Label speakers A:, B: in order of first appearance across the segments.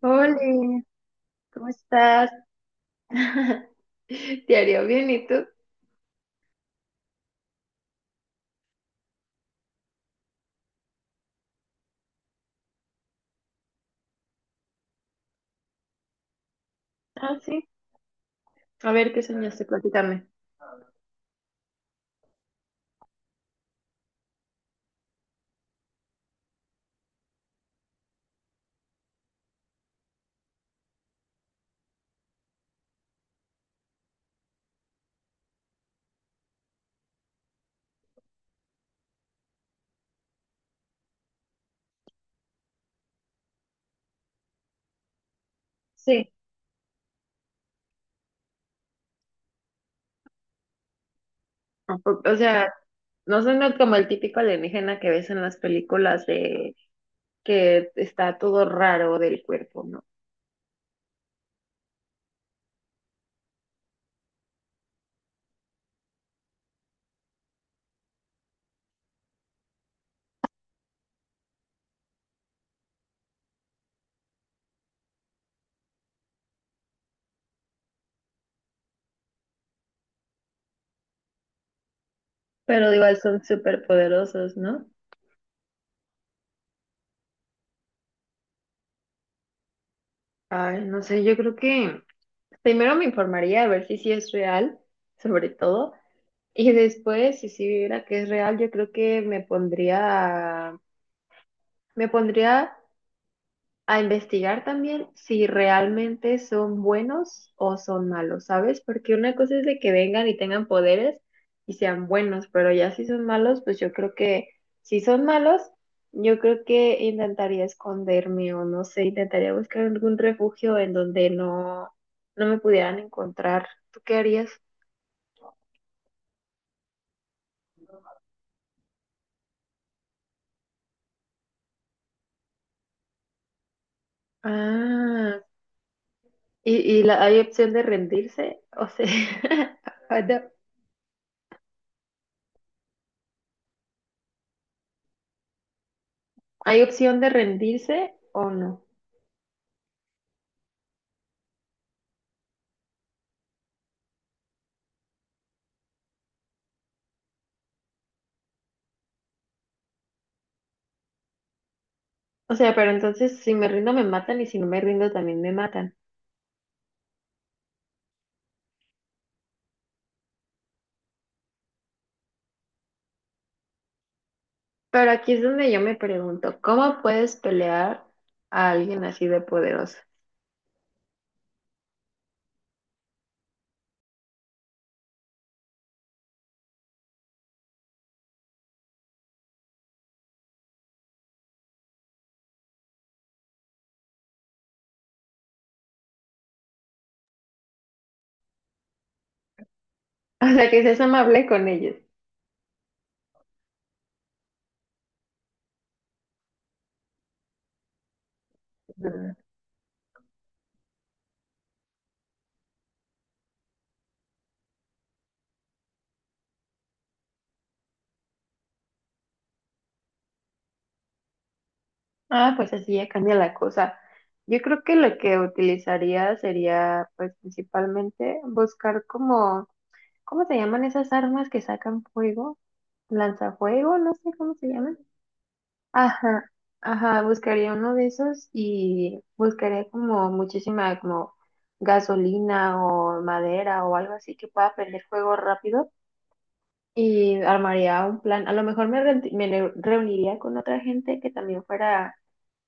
A: Hola, ¿cómo estás? Diario, bien, ¿y tú? Ah, sí. A ver, ¿qué soñaste? Platícame. Sí. ¿A poco- o sea, no suena como el típico alienígena que ves en las películas de que está todo raro del cuerpo, ¿no? Pero igual son súper poderosos, ¿no? Ay, no sé, yo creo que primero me informaría a ver si sí es real, sobre todo, y después, si sí viera que es real, yo creo que me pondría a investigar también si realmente son buenos o son malos, ¿sabes? Porque una cosa es de que vengan y tengan poderes y sean buenos, pero ya si son malos, pues yo creo que si son malos, yo creo que intentaría esconderme o no sé, intentaría buscar algún refugio en donde no me pudieran encontrar. ¿Tú qué harías? Ah, y la, hay opción de rendirse, o sea, ¿hay opción de rendirse o no? O sea, pero entonces si me rindo me matan y si no me rindo también me matan. Pero aquí es donde yo me pregunto, ¿cómo puedes pelear a alguien así de poderoso? O sea, que seas amable con ellos. Mm. Ah, pues así ya cambia la cosa. Yo creo que lo que utilizaría sería, pues principalmente, buscar como, ¿cómo se llaman esas armas que sacan fuego? Lanzafuego, no sé cómo se llaman. Ajá, ajá, buscaría uno de esos y buscaría como muchísima como gasolina o madera o algo así que pueda prender fuego rápido y armaría un plan. A lo mejor reuniría con otra gente que también fuera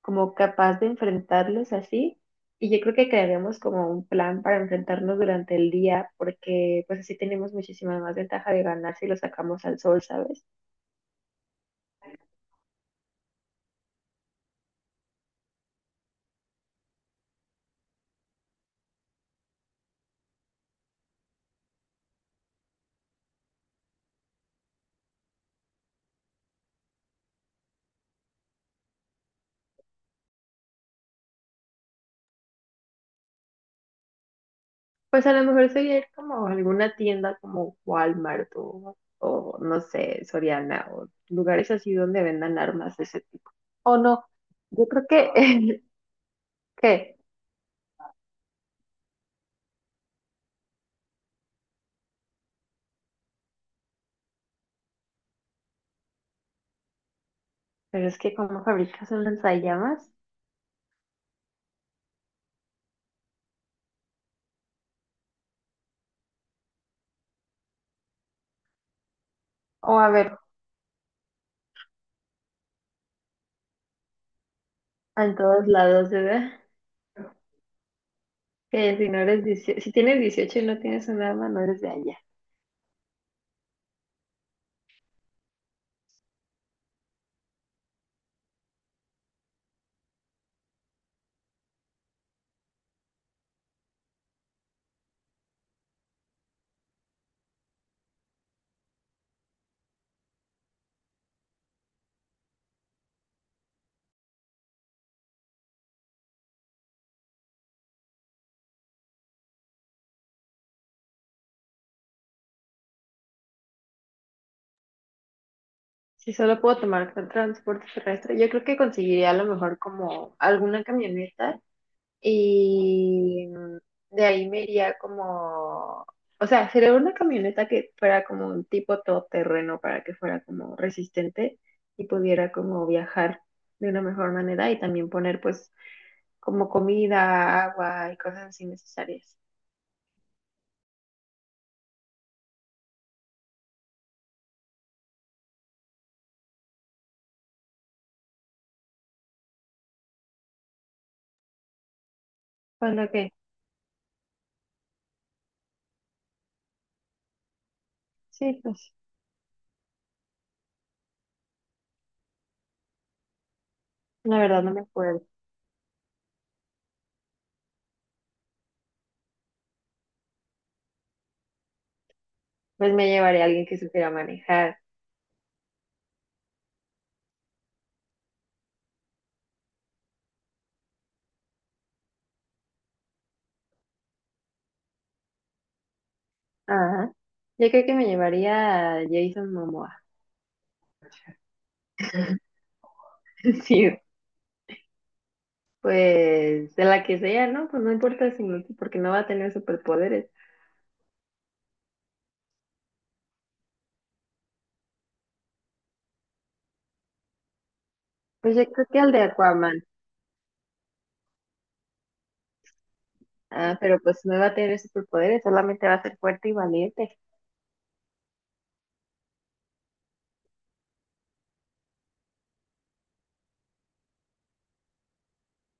A: como capaz de enfrentarlos así y yo creo que crearíamos como un plan para enfrentarnos durante el día porque pues así tenemos muchísima más ventaja de ganar si lo sacamos al sol, ¿sabes? Pues a lo mejor sería ir como a alguna tienda como Walmart o no sé, Soriana o lugares así donde vendan armas de ese tipo. O no, yo creo que, ¿qué? Pero es que cómo fabricas un lanzallamas. O a ver, en todos lados, ¿verdad? Que si no eres 18, si tienes 18 y no tienes un arma, no eres de allá. Si solo puedo tomar transporte terrestre, yo creo que conseguiría a lo mejor como alguna camioneta. Y de ahí me iría como, o sea, sería una camioneta que fuera como un tipo todoterreno para que fuera como resistente y pudiera como viajar de una mejor manera y también poner pues como comida, agua y cosas así necesarias. Con lo que, sí, pues la verdad no me acuerdo. Pues me llevaría a alguien que supiera manejar. Ajá. Yo creo que me llevaría a Jason Momoa. Sí, pues de la que sea, ¿no? Pues no importa si no, porque no va a tener superpoderes. Pues yo creo que el de Aquaman. Ah, pero pues no va a tener superpoderes, solamente va a ser fuerte y valiente.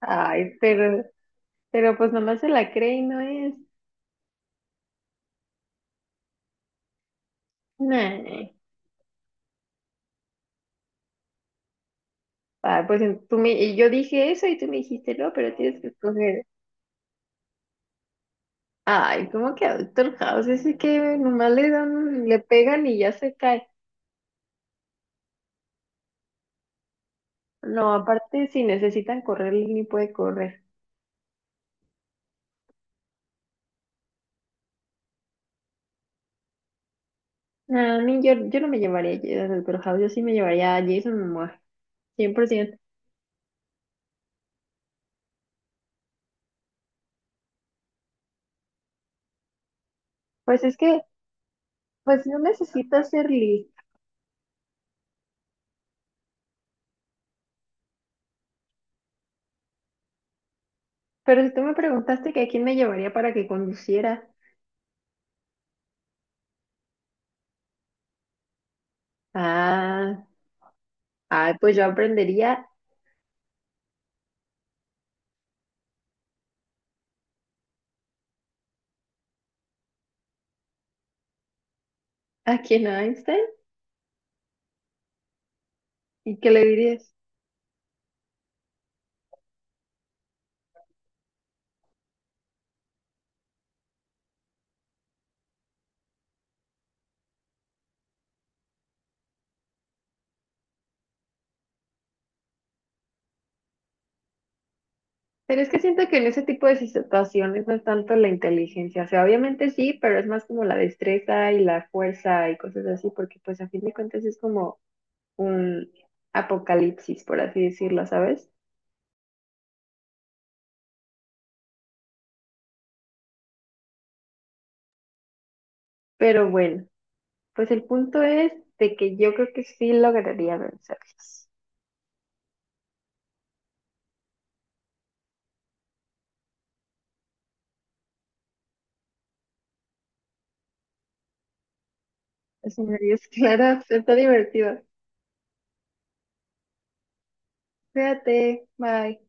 A: Ay, pero pues nomás se la cree y no es. Nah. Ah, pues en- tú me, y yo dije eso y tú me dijiste, no, pero tienes que escoger. Ay, ¿cómo que Doctor House? Ese que nomás le dan, le pegan y ya se cae. No, aparte si necesitan correr, él ni puede correr. A mí yo no me llevaría a Jason House, yo sí me llevaría a Jason Momoa, 100%. Pues es que, pues no necesito ser lista. Pero si tú me preguntaste que a quién me llevaría para que conduciera, ah, ah, pues yo aprendería. ¿A quién? ¿A Einstein? Y qué le dirías. Pero es que siento que en ese tipo de situaciones no es tanto la inteligencia, o sea, obviamente sí, pero es más como la destreza y la fuerza y cosas así, porque pues a fin de cuentas es como un apocalipsis, por así decirlo, ¿sabes? Pero bueno. Pues el punto es de que yo creo que sí lograría vencerlos. Es una ideas claras, está divertido. Cuídate, bye.